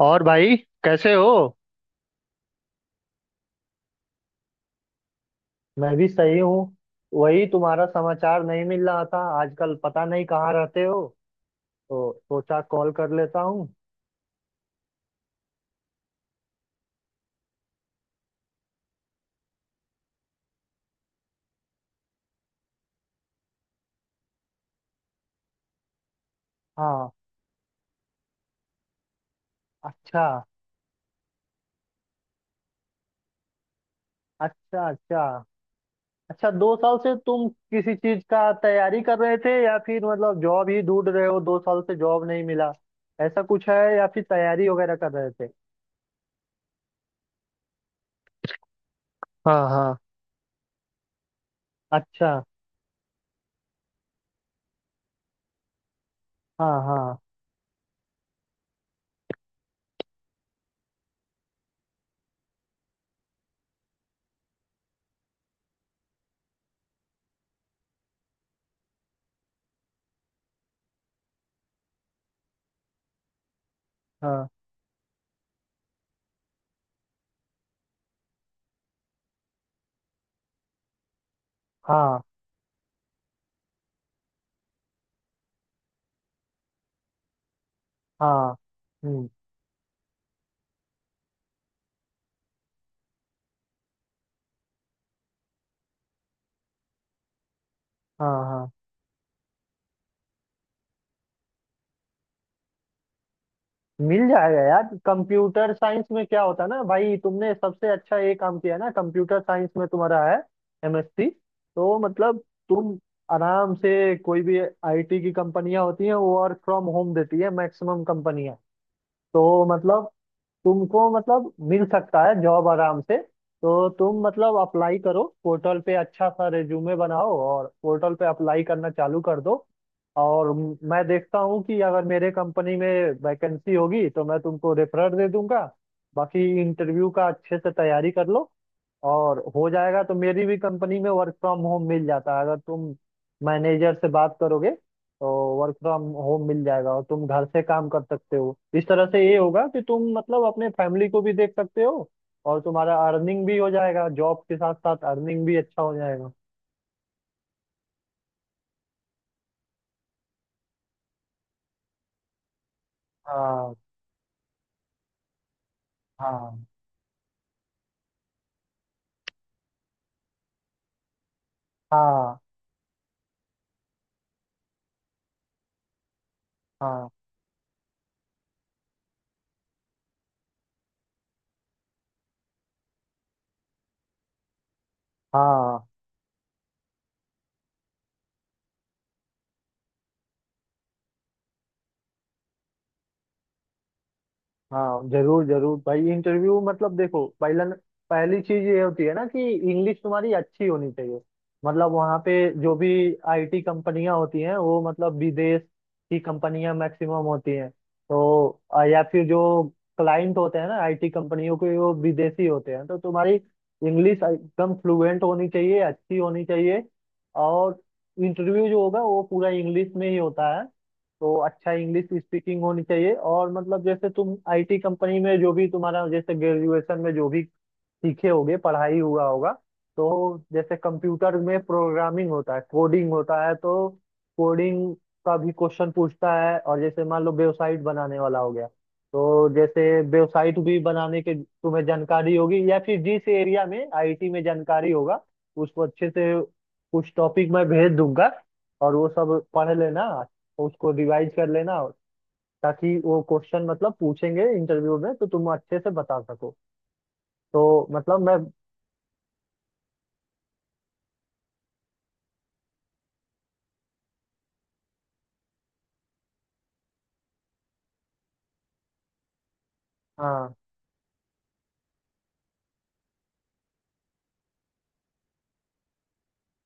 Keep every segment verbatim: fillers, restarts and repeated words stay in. और भाई, कैसे हो? मैं भी सही हूँ। वही तुम्हारा समाचार नहीं मिल रहा था आजकल, पता नहीं कहाँ रहते हो, तो सोचा कॉल कर लेता हूँ। हाँ। अच्छा अच्छा। अच्छा, अच्छा दो साल से तुम किसी चीज का तैयारी कर रहे थे या फिर मतलब जॉब ही ढूंढ रहे हो, दो साल से जॉब नहीं मिला? ऐसा कुछ है या फिर तैयारी वगैरह कर रहे थे? हाँ हाँ। अच्छा। हाँ हाँ। हाँ हाँ। हाँ। हम्म। हाँ हाँ, मिल जाएगा यार। कंप्यूटर साइंस में क्या होता है ना भाई, तुमने सबसे अच्छा ये काम किया ना, कंप्यूटर साइंस में तुम्हारा है एम एस सी, तो मतलब तुम आराम से कोई भी आई टी की कंपनियां होती हैं, वो वर्क फ्रॉम होम देती है मैक्सिमम कंपनियां। तो मतलब तुमको मतलब मिल सकता है जॉब आराम से। तो तुम मतलब अप्लाई करो पोर्टल पे, अच्छा सा रिज्यूमे बनाओ और पोर्टल पे अप्लाई करना चालू कर दो। और म- मैं देखता हूँ कि अगर मेरे कंपनी में वैकेंसी होगी तो मैं तुमको रेफरर दे दूंगा। बाकी इंटरव्यू का अच्छे से तैयारी कर लो और हो जाएगा। तो मेरी भी कंपनी में वर्क फ्रॉम होम मिल जाता है अगर तुम मैनेजर से बात करोगे, तो वर्क फ्रॉम होम मिल जाएगा और तुम घर से काम कर सकते हो। इस तरह से ये होगा कि तुम मतलब अपने फैमिली को भी देख सकते हो, और तुम्हारा अर्निंग भी हो जाएगा, जॉब के साथ साथ अर्निंग भी अच्छा हो जाएगा। हाँ हाँ हाँ हाँ। हाँ हाँ जरूर जरूर भाई। इंटरव्यू मतलब देखो, पहला, पहली चीज ये होती है ना कि इंग्लिश तुम्हारी अच्छी होनी चाहिए। मतलब वहाँ पे जो भी आई टी कंपनियां होती हैं वो मतलब विदेश की कंपनियां मैक्सिमम होती हैं। तो अ, या फिर जो क्लाइंट होते हैं ना आई टी कंपनियों के, वो विदेशी होते हैं। तो तुम्हारी इंग्लिश एकदम फ्लुएंट होनी चाहिए, अच्छी होनी चाहिए। और इंटरव्यू जो होगा वो पूरा इंग्लिश में ही होता है। तो अच्छा इंग्लिश स्पीकिंग होनी चाहिए। और मतलब जैसे तुम आई टी कंपनी में जो भी तुम्हारा, जैसे ग्रेजुएशन में जो भी सीखे होगे, पढ़ाई हुआ होगा, तो जैसे कंप्यूटर में प्रोग्रामिंग होता है, कोडिंग होता है, तो कोडिंग का भी क्वेश्चन पूछता है। और जैसे मान लो वेबसाइट बनाने वाला हो गया, तो जैसे वेबसाइट भी बनाने के तुम्हें जानकारी होगी, या फिर जिस एरिया में आई टी में जानकारी होगा, उसको अच्छे से, कुछ टॉपिक मैं भेज दूंगा और वो सब पढ़ लेना, उसको रिवाइज कर लेना, ताकि वो क्वेश्चन मतलब पूछेंगे इंटरव्यू में तो तुम अच्छे से बता सको। तो मतलब मैं। हाँ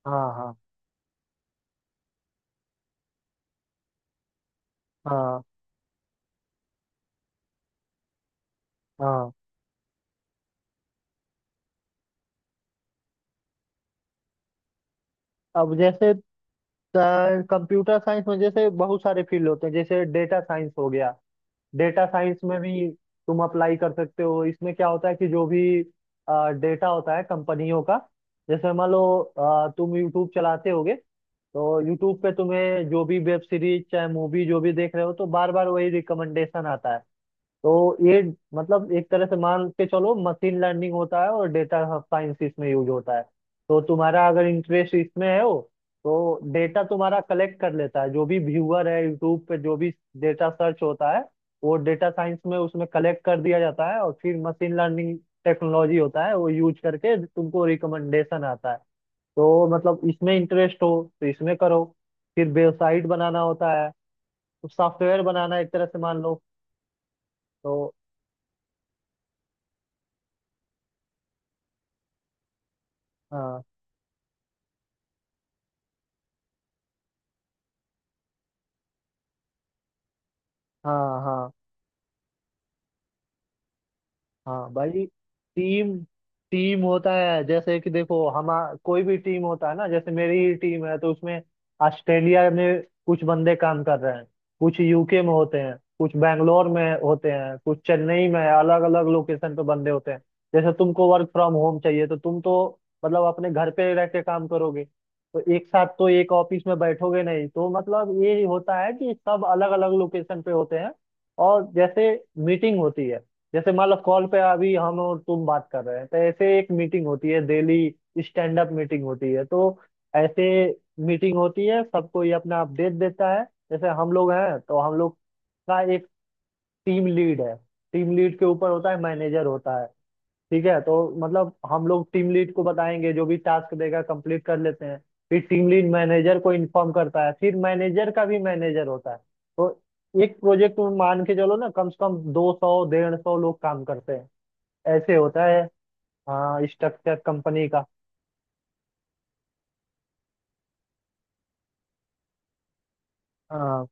हाँ हाँ हाँ हाँ। अब जैसे कंप्यूटर साइंस में जैसे बहुत सारे फील्ड होते हैं, जैसे डेटा साइंस हो गया। डेटा साइंस में भी तुम अप्लाई कर सकते हो। इसमें क्या होता है कि जो भी डेटा होता है कंपनियों का, जैसे मान लो अ, तुम यूट्यूब चलाते होगे, तो यूट्यूब पे तुम्हें जो भी वेब सीरीज चाहे मूवी जो भी देख रहे हो, तो बार बार वही रिकमेंडेशन आता है। तो ये मतलब एक तरह से मान के चलो, मशीन लर्निंग होता है और डेटा साइंस इसमें यूज होता है। तो तुम्हारा अगर इंटरेस्ट इसमें है हो, तो डेटा तुम्हारा कलेक्ट कर लेता है, जो भी व्यूअर है यूट्यूब पे, जो भी डेटा सर्च होता है वो डेटा साइंस में उसमें कलेक्ट कर दिया जाता है, और फिर मशीन लर्निंग टेक्नोलॉजी होता है वो यूज करके तुमको रिकमेंडेशन आता है। तो मतलब इसमें इंटरेस्ट हो तो इसमें करो। फिर वेबसाइट बनाना होता है, सॉफ्टवेयर बनाना, एक तरह से मान लो। तो हाँ। हाँ हाँ। हाँ भाई, टीम, टीम होता है। जैसे कि देखो हम, कोई भी टीम होता है ना, जैसे मेरी ही टीम है तो उसमें ऑस्ट्रेलिया में कुछ बंदे काम कर रहे हैं, कुछ यू के में होते हैं, कुछ बैंगलोर में होते हैं, कुछ चेन्नई में, अलग अलग लोकेशन पे बंदे होते हैं। जैसे तुमको वर्क फ्रॉम होम चाहिए तो तुम तो मतलब अपने घर पे रह के काम करोगे, तो एक साथ तो एक ऑफिस में बैठोगे नहीं, तो मतलब ये होता है कि सब अलग अलग लोकेशन पे होते हैं। और जैसे मीटिंग होती है, जैसे मान लो कॉल पे अभी हम और तुम बात कर रहे हैं, तो ऐसे एक मीटिंग होती है डेली, स्टैंड अप मीटिंग होती है। तो ऐसे मीटिंग होती है, सबको ये अपना अपडेट देता है। जैसे हम लोग हैं तो हम लोग का एक टीम लीड है, टीम लीड के ऊपर होता है मैनेजर होता है। ठीक है, तो मतलब हम लोग टीम लीड को बताएंगे, जो भी टास्क देगा कंप्लीट कर लेते हैं, फिर टीम लीड मैनेजर को इन्फॉर्म करता है, फिर मैनेजर का भी मैनेजर होता है। तो एक प्रोजेक्ट मान के चलो ना, कम से कम दो सौ डेढ़ सौ लोग काम करते हैं। ऐसे होता है। हाँ, स्ट्रक्चर कंपनी का। हाँ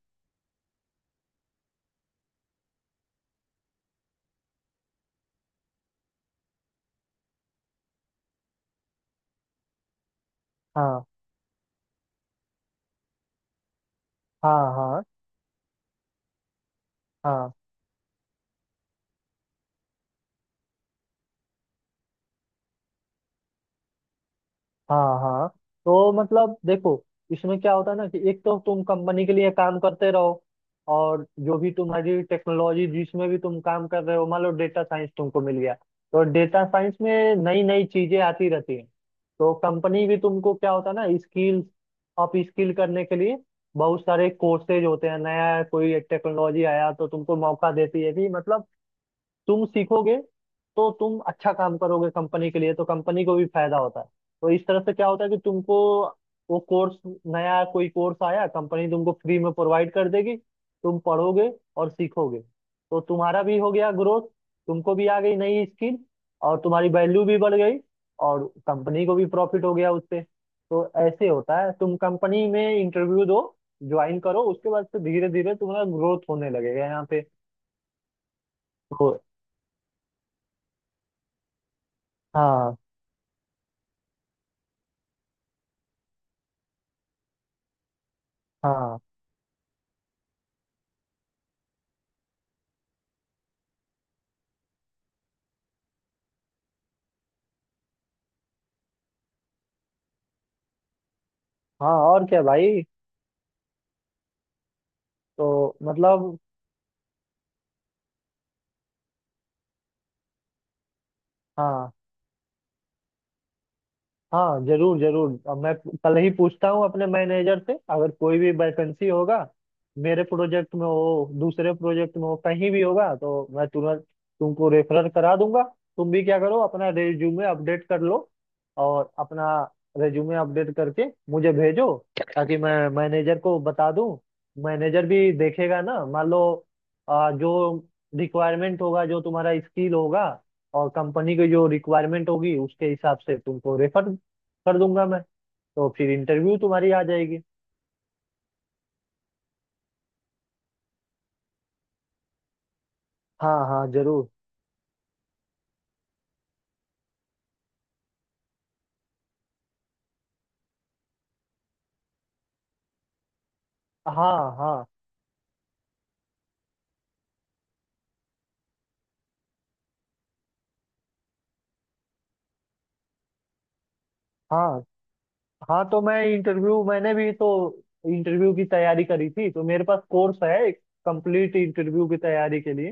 हाँ हाँ हाँ हाँ हाँ हाँ। तो मतलब देखो, इसमें क्या होता है ना कि एक तो तुम कंपनी के लिए काम करते रहो, और जो भी तुम्हारी टेक्नोलॉजी जिसमें भी तुम काम कर रहे हो, मान लो डेटा साइंस तुमको मिल गया, तो डेटा साइंस में नई नई चीजें आती रहती हैं। तो कंपनी भी तुमको, क्या होता है ना, स्किल अप स्किल करने के लिए बहुत सारे कोर्सेज होते हैं। नया कोई टेक्नोलॉजी आया तो तुमको मौका देती है कि मतलब तुम सीखोगे, तो तुम अच्छा काम करोगे कंपनी के लिए, तो कंपनी को भी फायदा होता है। तो इस तरह से क्या होता है कि तुमको वो कोर्स, नया कोई कोर्स आया, कंपनी तुमको फ्री में प्रोवाइड कर देगी, तुम पढ़ोगे और सीखोगे, तो तुम्हारा भी हो गया ग्रोथ, तुमको भी आ गई नई स्किल और तुम्हारी वैल्यू भी बढ़ गई, और कंपनी को भी प्रॉफिट हो गया उससे। तो ऐसे होता है। तुम कंपनी में इंटरव्यू दो, ज्वाइन करो, उसके बाद से धीरे धीरे तुम्हारा ग्रोथ होने लगेगा यहाँ पे। तो हाँ हाँ हाँ, और क्या भाई, तो मतलब। हाँ हाँ जरूर जरूर, अब मैं कल ही पूछता हूँ अपने मैनेजर से, अगर कोई भी वैकेंसी होगा मेरे प्रोजेक्ट में हो, दूसरे प्रोजेक्ट में हो, कहीं भी होगा तो मैं तुरंत तुमको रेफरल करा दूंगा। तुम भी क्या करो, अपना रेज्यूमे अपडेट कर लो, और अपना रेज्यूमे अपडेट करके मुझे भेजो, ताकि मैं मैनेजर को बता दूं। मैनेजर भी देखेगा ना, मान लो आ, जो रिक्वायरमेंट होगा, जो तुम्हारा स्किल होगा और कंपनी की जो रिक्वायरमेंट होगी, उसके हिसाब से तुमको रेफर कर दूंगा मैं। तो फिर इंटरव्यू तुम्हारी आ जाएगी। हाँ हाँ जरूर। हाँ हाँ हाँ हाँ, तो मैं इंटरव्यू, मैंने भी तो इंटरव्यू की तैयारी करी थी, तो मेरे पास कोर्स है एक, कंप्लीट इंटरव्यू की तैयारी के लिए।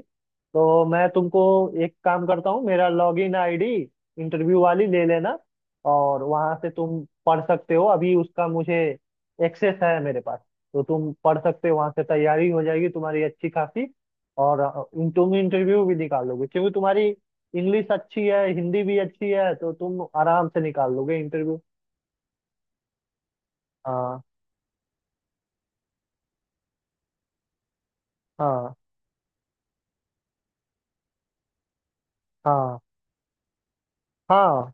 तो मैं तुमको एक काम करता हूँ, मेरा लॉगिन आई डी इंटरव्यू वाली ले लेना, और वहां से तुम पढ़ सकते हो। अभी उसका मुझे एक्सेस है मेरे पास, तो तुम पढ़ सकते हो, वहां से तैयारी हो जाएगी तुम्हारी अच्छी खासी। और अ, इन- तुम इंटरव्यू भी निकाल लोगे, क्योंकि तुम्हारी इंग्लिश अच्छी है, हिंदी भी अच्छी है, तो तुम आराम से निकाल लोगे इंटरव्यू। हाँ हाँ हाँ हाँ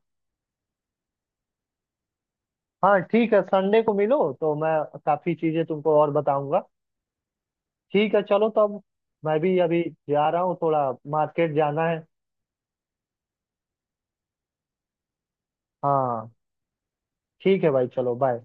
हाँ। ठीक है, संडे को मिलो तो मैं काफी चीजें तुमको और बताऊंगा। ठीक है चलो तब, मैं भी अभी जा रहा हूँ, थोड़ा मार्केट जाना है। हाँ, ठीक है भाई, चलो बाय।